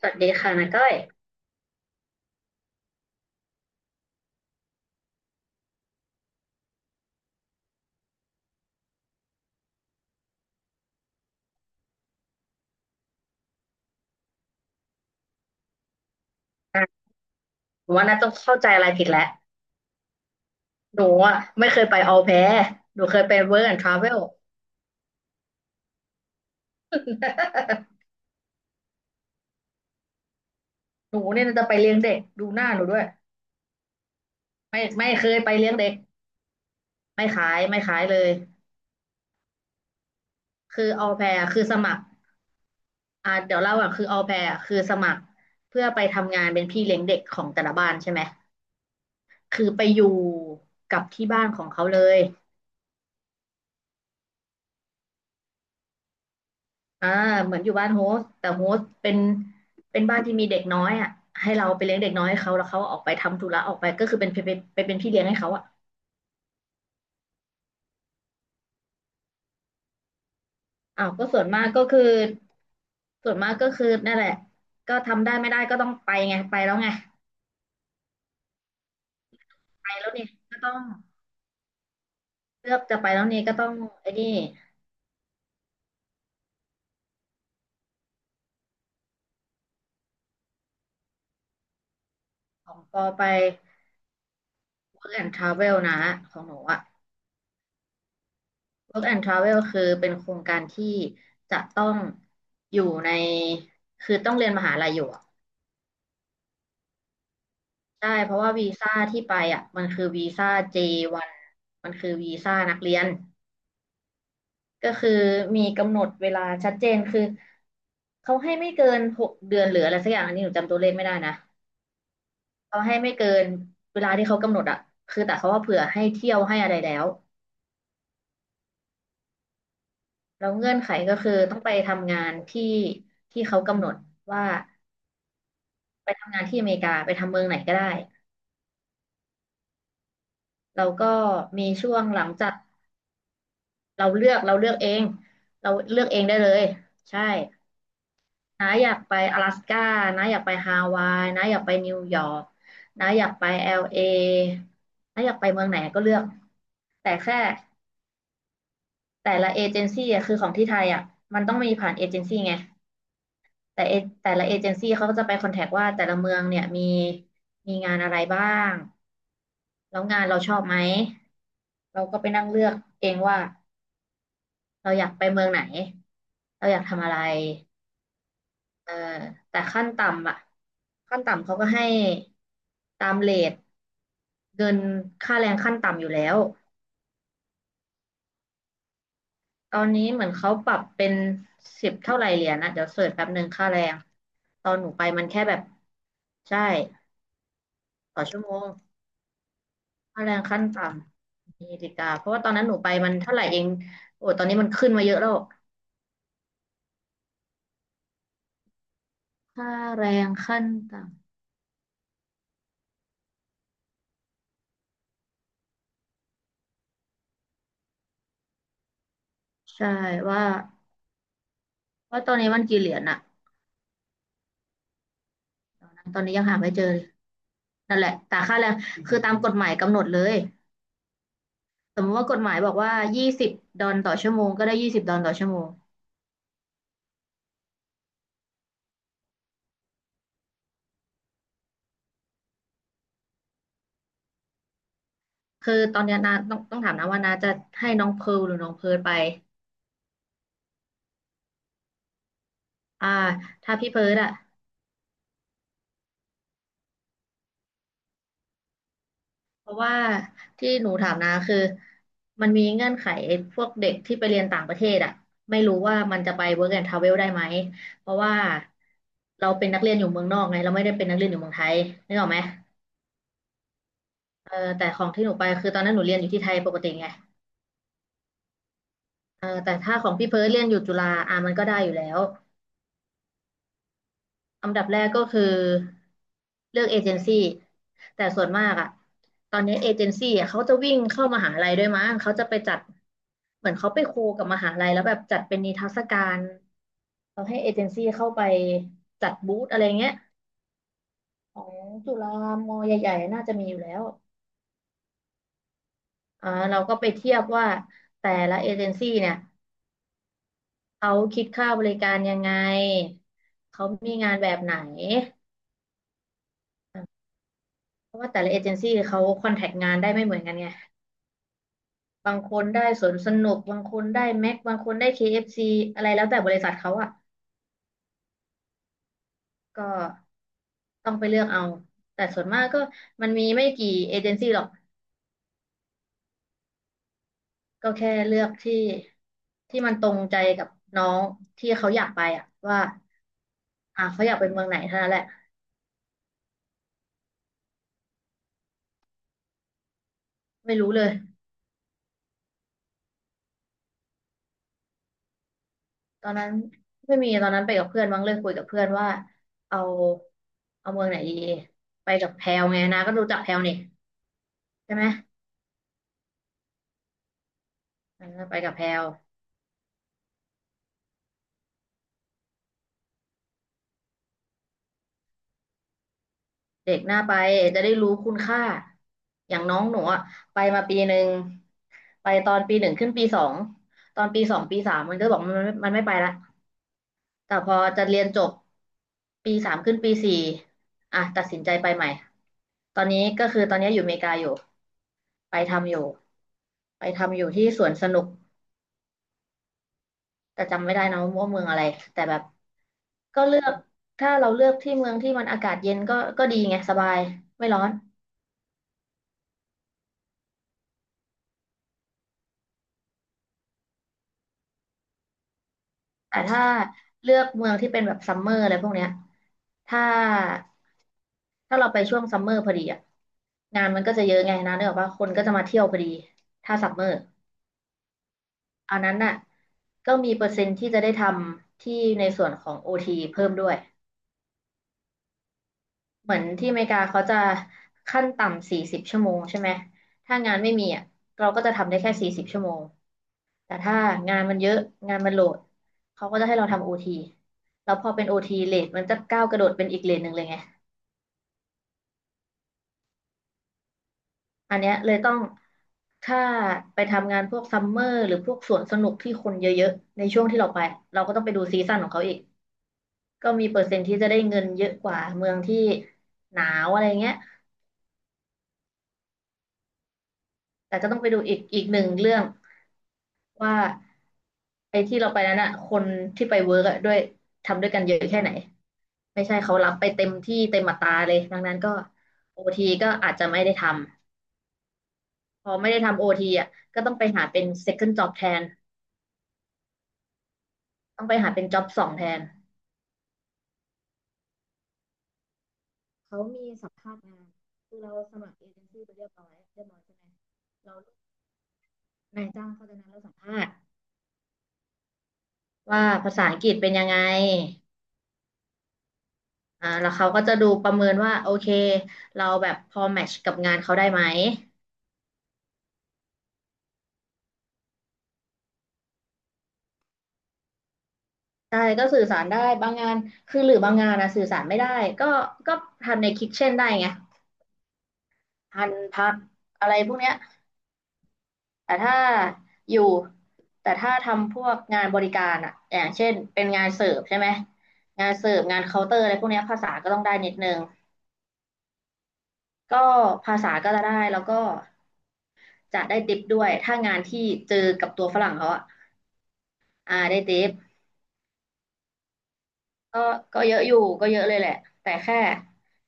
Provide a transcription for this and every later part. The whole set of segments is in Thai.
สวัสดีค่ะนาก้อยหนูว่านาต้องเข้าใจอะไรผิดแล้วหนูอ่ะไม่เคยไปออลแพร์หนูเคยไปเวิร์กแอนด์ทราเวล หนูเนี่ยน่าจะไปเลี้ยงเด็กดูหน้าหนูด้วย ไม่เคยไปเลี้ยงเด็กไม่ขายไม่ขายเลย คือออลแพร์คือสมัครเดี๋ยวเล่าก่อนคือออลแพร์คือสมัครเพื่อไปทำงานเป็นพี่เลี้ยงเด็กของแต่ละบ้านใช่ไหม คือไปอยู่กับที่บ้านของเขาเลย อ่าเหมือนอยู่บ้านโฮสต์แต่โฮสต์เป็นเป็นบ้านที่มีเด็กน้อยอ่ะให้เราไปเลี้ยงเด็กน้อยให้เขาแล้วเขาออกไปทำธุระออกไปก็คือเป็นพี่เลี้ยงให้เขาอ่ะอ้าวก็ส่วนมากก็คือส่วนมากก็คือนั่นแหละก็ทำได้ไม่ได้ก็ต้องไปไงไปแล้วไงไปแล้วนี่ก็ต้องเลือกจะไปแล้วนี่ก็ต้องไอ้นี่ของปอไป Work and Travel นะของหนูอ่ะ Work and Travel คือเป็นโครงการที่จะต้องอยู่ในคือต้องเรียนมหาลัยอยู่อะ ใช่เพราะว่าวีซ่าที่ไปอ่ะมันคือวีซ่า J1 มันคือวีซ่านักเรียนก็คือมีกำหนดเวลาชัดเจนคือเขาให้ไม่เกิน6 เดือนหรืออะไรสักอย่างอันนี้หนูจำตัวเลขไม่ได้นะเขาให้ไม่เกินเวลาที่เขากำหนดอ่ะคือแต่เขาว่าเผื่อให้เที่ยวให้อะไรแล้วแล้วเงื่อนไขก็คือต้องไปทำงานที่ที่เขากำหนดว่าไปทำงานที่อเมริกาไปทำเมืองไหนก็ได้เราก็มีช่วงหลังจากเราเลือกเองเราเลือกเองได้เลยใช่ น้าอยากไป阿拉斯ก้าน้าอยากไปฮาวายน้าอยากไปนิวยอร์กน้าอยากไปเอลเอน้าอยากไปเมืองไหนก็เลือก แต่แค่แต่ละเอเจนซี่อะคือของที่ไทยอ่ะมันต้องมีผ่านเอเจนซี่ไงแต่เอแต่ละเอเจนซี่เขาก็จะไปคอนแทคว่าแต่ละเมืองเนี่ยมีงานอะไรบ้างแล้วงานเราชอบไหม เราก็ไปนั่งเลือกเองว่าเราอยากไปเมืองไหน เราอยากทำอะไร เออแต่ขั้นต่ำอะขั้นต่ำเขาก็ให้ตามเรทเงินค่าแรงขั้นต่ำอยู่แล้วตอนนี้เหมือนเขาปรับเป็นสิบเท่าไหร่เหรียญนะเดี๋ยวเสิร์ชแป๊บหนึ่งค่าแรงตอนหนูไปมันแค่แบบใช่ต่อชั่วโมงค่าแรงขั้นต่ำมีดีกาเพราะว่าตอนนั้นหนูไปมันเท่าไหร่เองโอ้ตอนนี้มันขึ้นมาเยอะแล้วค่าแรงขั้นต่ำใช่ว่าว่าตอนนี้มันกี่เหรียญอะ ตอนนี้ยังหาไม่เจอเลยนั่นแหละแต่ค่าแรงคือตามกฎหมายกำหนดเลยสมมติว่ากฎหมายบอกว่ายี่สิบดอลต่อชั่วโมงก็ได้ยี่สิบดอลต่อชั่วโมงคือตอนเนี้ยนาต้องถามนะว่านาจะให้น้องเพิร์ลหรือน้องเพิร์ลไปอ่าถ้าพี่เพิร์ลอะเพราะว่าที่หนูถามนาคือมันมีเงื่อนไขไอ้พวกเด็กที่ไปเรียนต่างประเทศอะไม่รู้ว่ามันจะไป work and travel ได้ไหม เพราะว่าเราเป็นนักเรียนอยู่เมืองนอกไงเราไม่ได้เป็นนักเรียนอยู่เมืองไทยนึกออกไหม เออแต่ของที่หนูไปคือตอนนั้นหนูเรียนอยู่ที่ไทยปกติไงเออแต่ถ้าของพี่เพิร์ทเรียนอยู่จุฬาอ่ะมันก็ได้อยู่แล้วอันดับแรกก็คือเลือกเอเจนซี่แต่ส่วนมากอ่ะตอนนี้เอเจนซี่อะเขาจะวิ่งเข้ามหาลัยด้วยมั้งเขาจะไปจัดเหมือนเขาไปโคกับมหาลัยแล้วแบบจัดเป็นนิทรรศการเขาให้เอเจนซี่เข้าไปจัดบูธอะไรเงี้ยของจุฬามอใหญ่ๆน่าจะมีอยู่แล้วเราก็ไปเทียบว่าแต่ละเอเจนซี่เนี่ย เขาคิดค่าบริการยังไงเขามีงานแบบไหนเพราะว่าแต่ละเอเจนซี่เขาคอนแทคงานได้ไม่เหมือนกันไงบางคนได้สวนสนุกบางคนได้แม็กบางคนได้ KFC อฟซีอะไรแล้วแต่บริษัทเขาอ่ะก็ต้องไปเลือกเอาแต่ส่วนมากก็มันมีไม่กี่เอเจนซี่หรอกก็แค่เลือกที่ที่มันตรงใจกับน้องที่เขาอยากไปอ่ะว่าเขาอยากไปเมืองไหนเท่านั้นแหละไม่รู้เลย ตอนนั้นไม่มีตอนนั้นไปกับเพื่อนมั้งเลยคุยกับเพื่อนว่าเอาเอาเมืองไหนดีไปกับแพลวไงนะก็รู้จักแพลวนี่ใช่ไหมเออไปกับแพลวเด็กหน้าไปจะได้รู้คุณค่าอย่างน้องหนูอะไปมาปีหนึ่งไปตอนปีหนึ่งขึ้นปีสองตอนปีสองปีสามมันก็บอกมันไม่ไปละ แต่พอจะเรียนจบปีสามขึ้นปีสี่อ่ะตัดสินใจไปใหม่ตอนนี้ก็คือตอนนี้อยู่อเมริกาอยู่ไปทำอยู่ไปทำอยู่ที่สวนสนุกแต่จำไม่ได้นะว่าเมืองอะไรแต่แบบก็เลือกถ้าเราเลือกที่เมืองที่มันอากาศเย็นก็ดีไงสบายไม่ร้อนแต่ถ้าเลือกเมืองที่เป็นแบบซัมเมอร์อะไรพวกเนี้ยถ้าถ้าเราไปช่วงซัมเมอร์พอดีอ่ะงานมันก็จะเยอะไงนะเนกออกว่าคนก็จะมาเที่ยวพอดีถ้าซัมเมอร์ อันนั้นน่ะก็มีเปอร์เซ็นต์ที่จะได้ทำที่ในส่วนของ OT เพิ่มด้วยเหมือนที่อเมริกาเขาจะขั้นต่ำสี่สิบชั่วโมงใช่ไหมถ้างานไม่มีอ่ะเราก็จะทำได้แค่สี่สิบชั่วโมงแต่ถ้างานมันเยอะงานมันโหลดเขาก็จะให้เราทำ OT แล้วพอเป็น OT เลทมันจะก้าวกระโดดเป็นอีกเลทหนึ่งเลยไงอันเนี้ยเลยต้องถ้าไปทำงานพวกซัมเมอร์หรือพวกสวนสนุกที่คนเยอะๆในช่วงที่เราไปเราก็ต้องไปดูซีซั่นของเขาอีก ก็มีเปอร์เซ็นต์ที่จะได้เงินเยอะกว่าเมืองที่หนาวอะไรเงี้ยแต่ก็ต้องไปดูอีกหนึ่งเรื่องว่าไอ้ที่เราไปนั้นอะคนที่ไปเวิร์กอะด้วยทำด้วยกันเยอะแค่ไหน ไม่ใช่เขารับไปเต็มที่เต็มอัตราเลยดังนั้นก็โอทีก็อาจจะไม่ได้ทำพอไม่ได้ทำโอทีอะก็ต้องไปหาเป็น second job แทนต้องไปหาเป็น job สองแทนเขามีสัมภาษณ์งานคือเราสมัครเอเจนซี่ไปเรียบร้อยใช่ไหมเรานายจ้างเขาจะนัดเราสัมภาษณ์ ว่าภาษาอังกฤษเป็นยังไงอ่าแล้วเขาก็จะดูประเมินว่าโอเคเราแบบพอแมทช์กับงานเขาได้ไหมใช่ก็สื่อสารได้บางงานคือหรือบางงานนะสื่อสารไม่ได้ก็ก็ทำในคิทเช่นได้ไงพันพักอะไรพวกเนี้ยแต่ถ้าอยู่แต่ถ้าทำพวกงานบริการอะอย่างเช่นเป็นงานเสิร์ฟใช่ไหมงานเสิร์ฟงานเคาน์เตอร์อะไรพวกเนี้ยภาษาก็ต้องได้นิดนึงก็ภาษาก็จะได้แล้วก็จะได้ติปด้วยถ้างานที่เจอกับตัวฝรั่งเขาอะ อ่าได้ติปก็ก็เยอะอยู่ก็เยอะเลยแหละแต่แค่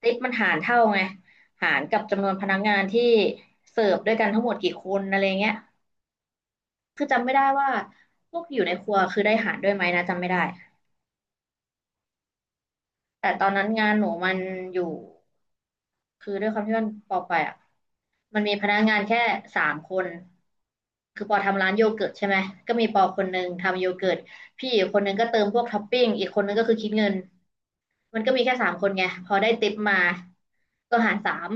ติปมันหารเท่าไงหารกับจำนวนพนักงานที่เสิร์ฟด้วยกันทั้งหมดกี่คนอะไรเงี้ยคือจำไม่ได้ว่าพวกอยู่ในครัวคือได้หารด้วยไหมนะจำไม่ได้แต่ตอนนั้นงานหนูมันอยู่คือด้วยความที่มันปอไปอ่ะมันมีพนักงานแค่สามคนคือปอทำร้านโยเกิร์ตใช่ไหมก็มีปอคนหนึ่งทำโยเกิร์ตพี่อีกคนหนึ่งก็เติมพวกท็อปปิ้งอีกคนหนึงก็คือคิดเงิน มันก็มีแค่สามคนไงพอได้ติปมาก็หารสาม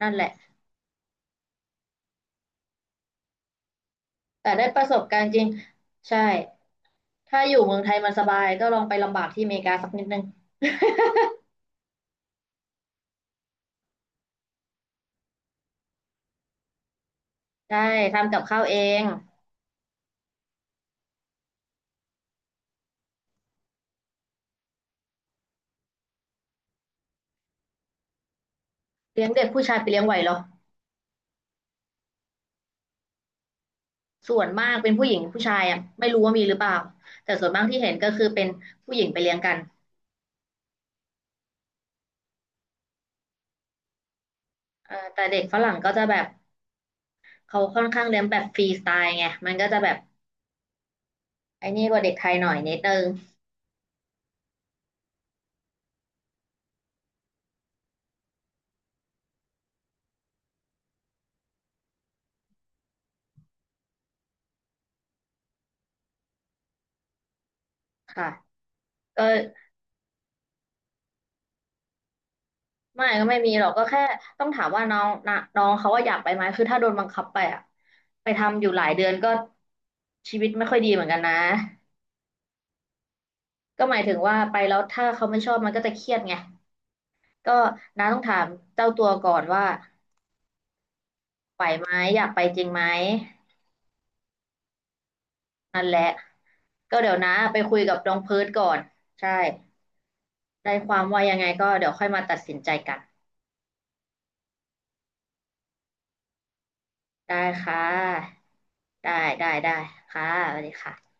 นั่นแหละแต่ได้ประสบการณ์จริงใช่ถ้าอยู่เมืองไทยมันสบายก็ลองไปลำบากที่อเมริกาสักนิดนึงได้ทำกับข้าวเองเลี้ยงเด็กผู้ชายไปเลี้ยงไหวเหรอส่วนมากเป็นผู้หญิงผู้ชายอ่ะไม่รู้ว่ามีหรือเปล่าแต่ส่วนมากที่เห็นก็คือเป็นผู้หญิงไปเลี้ยงกันแต่เด็กฝรั่งก็จะแบบเขาค่อนข้างเลี้ยงแบบฟรีสไตล์ไงมันก็จะแบบไอ้นี่กว่าเด็กไทยหน่อยนิดนึงค่ะก็ ไม่ก็ไม่มีหรอกก็แค่ต้องถามว่าน้องนะน้องเขาว่าอยากไปไหมคือถ้าโดนบังคับไปอะไปทำอยู่หลายเดือนก็ชีวิตไม่ค่อยดีเหมือนกันนะก็หมายถึงว่าไปแล้วถ้าเขาไม่ชอบมันก็จะเครียดไงก็น้าต้องถามเจ้าตัวก่อนว่าไหวไหมอยากไปจริงไหมนั่นแหละก็เดี๋ยวนะไปคุยกับน้องเพิร์ดก่อนใช่ได้ความว่ายังไงก็เดี๋ยวค่อยมาตัดสินใจกันได้ค่ะได้ได้ได้ค่ะสวัสดีค่ะ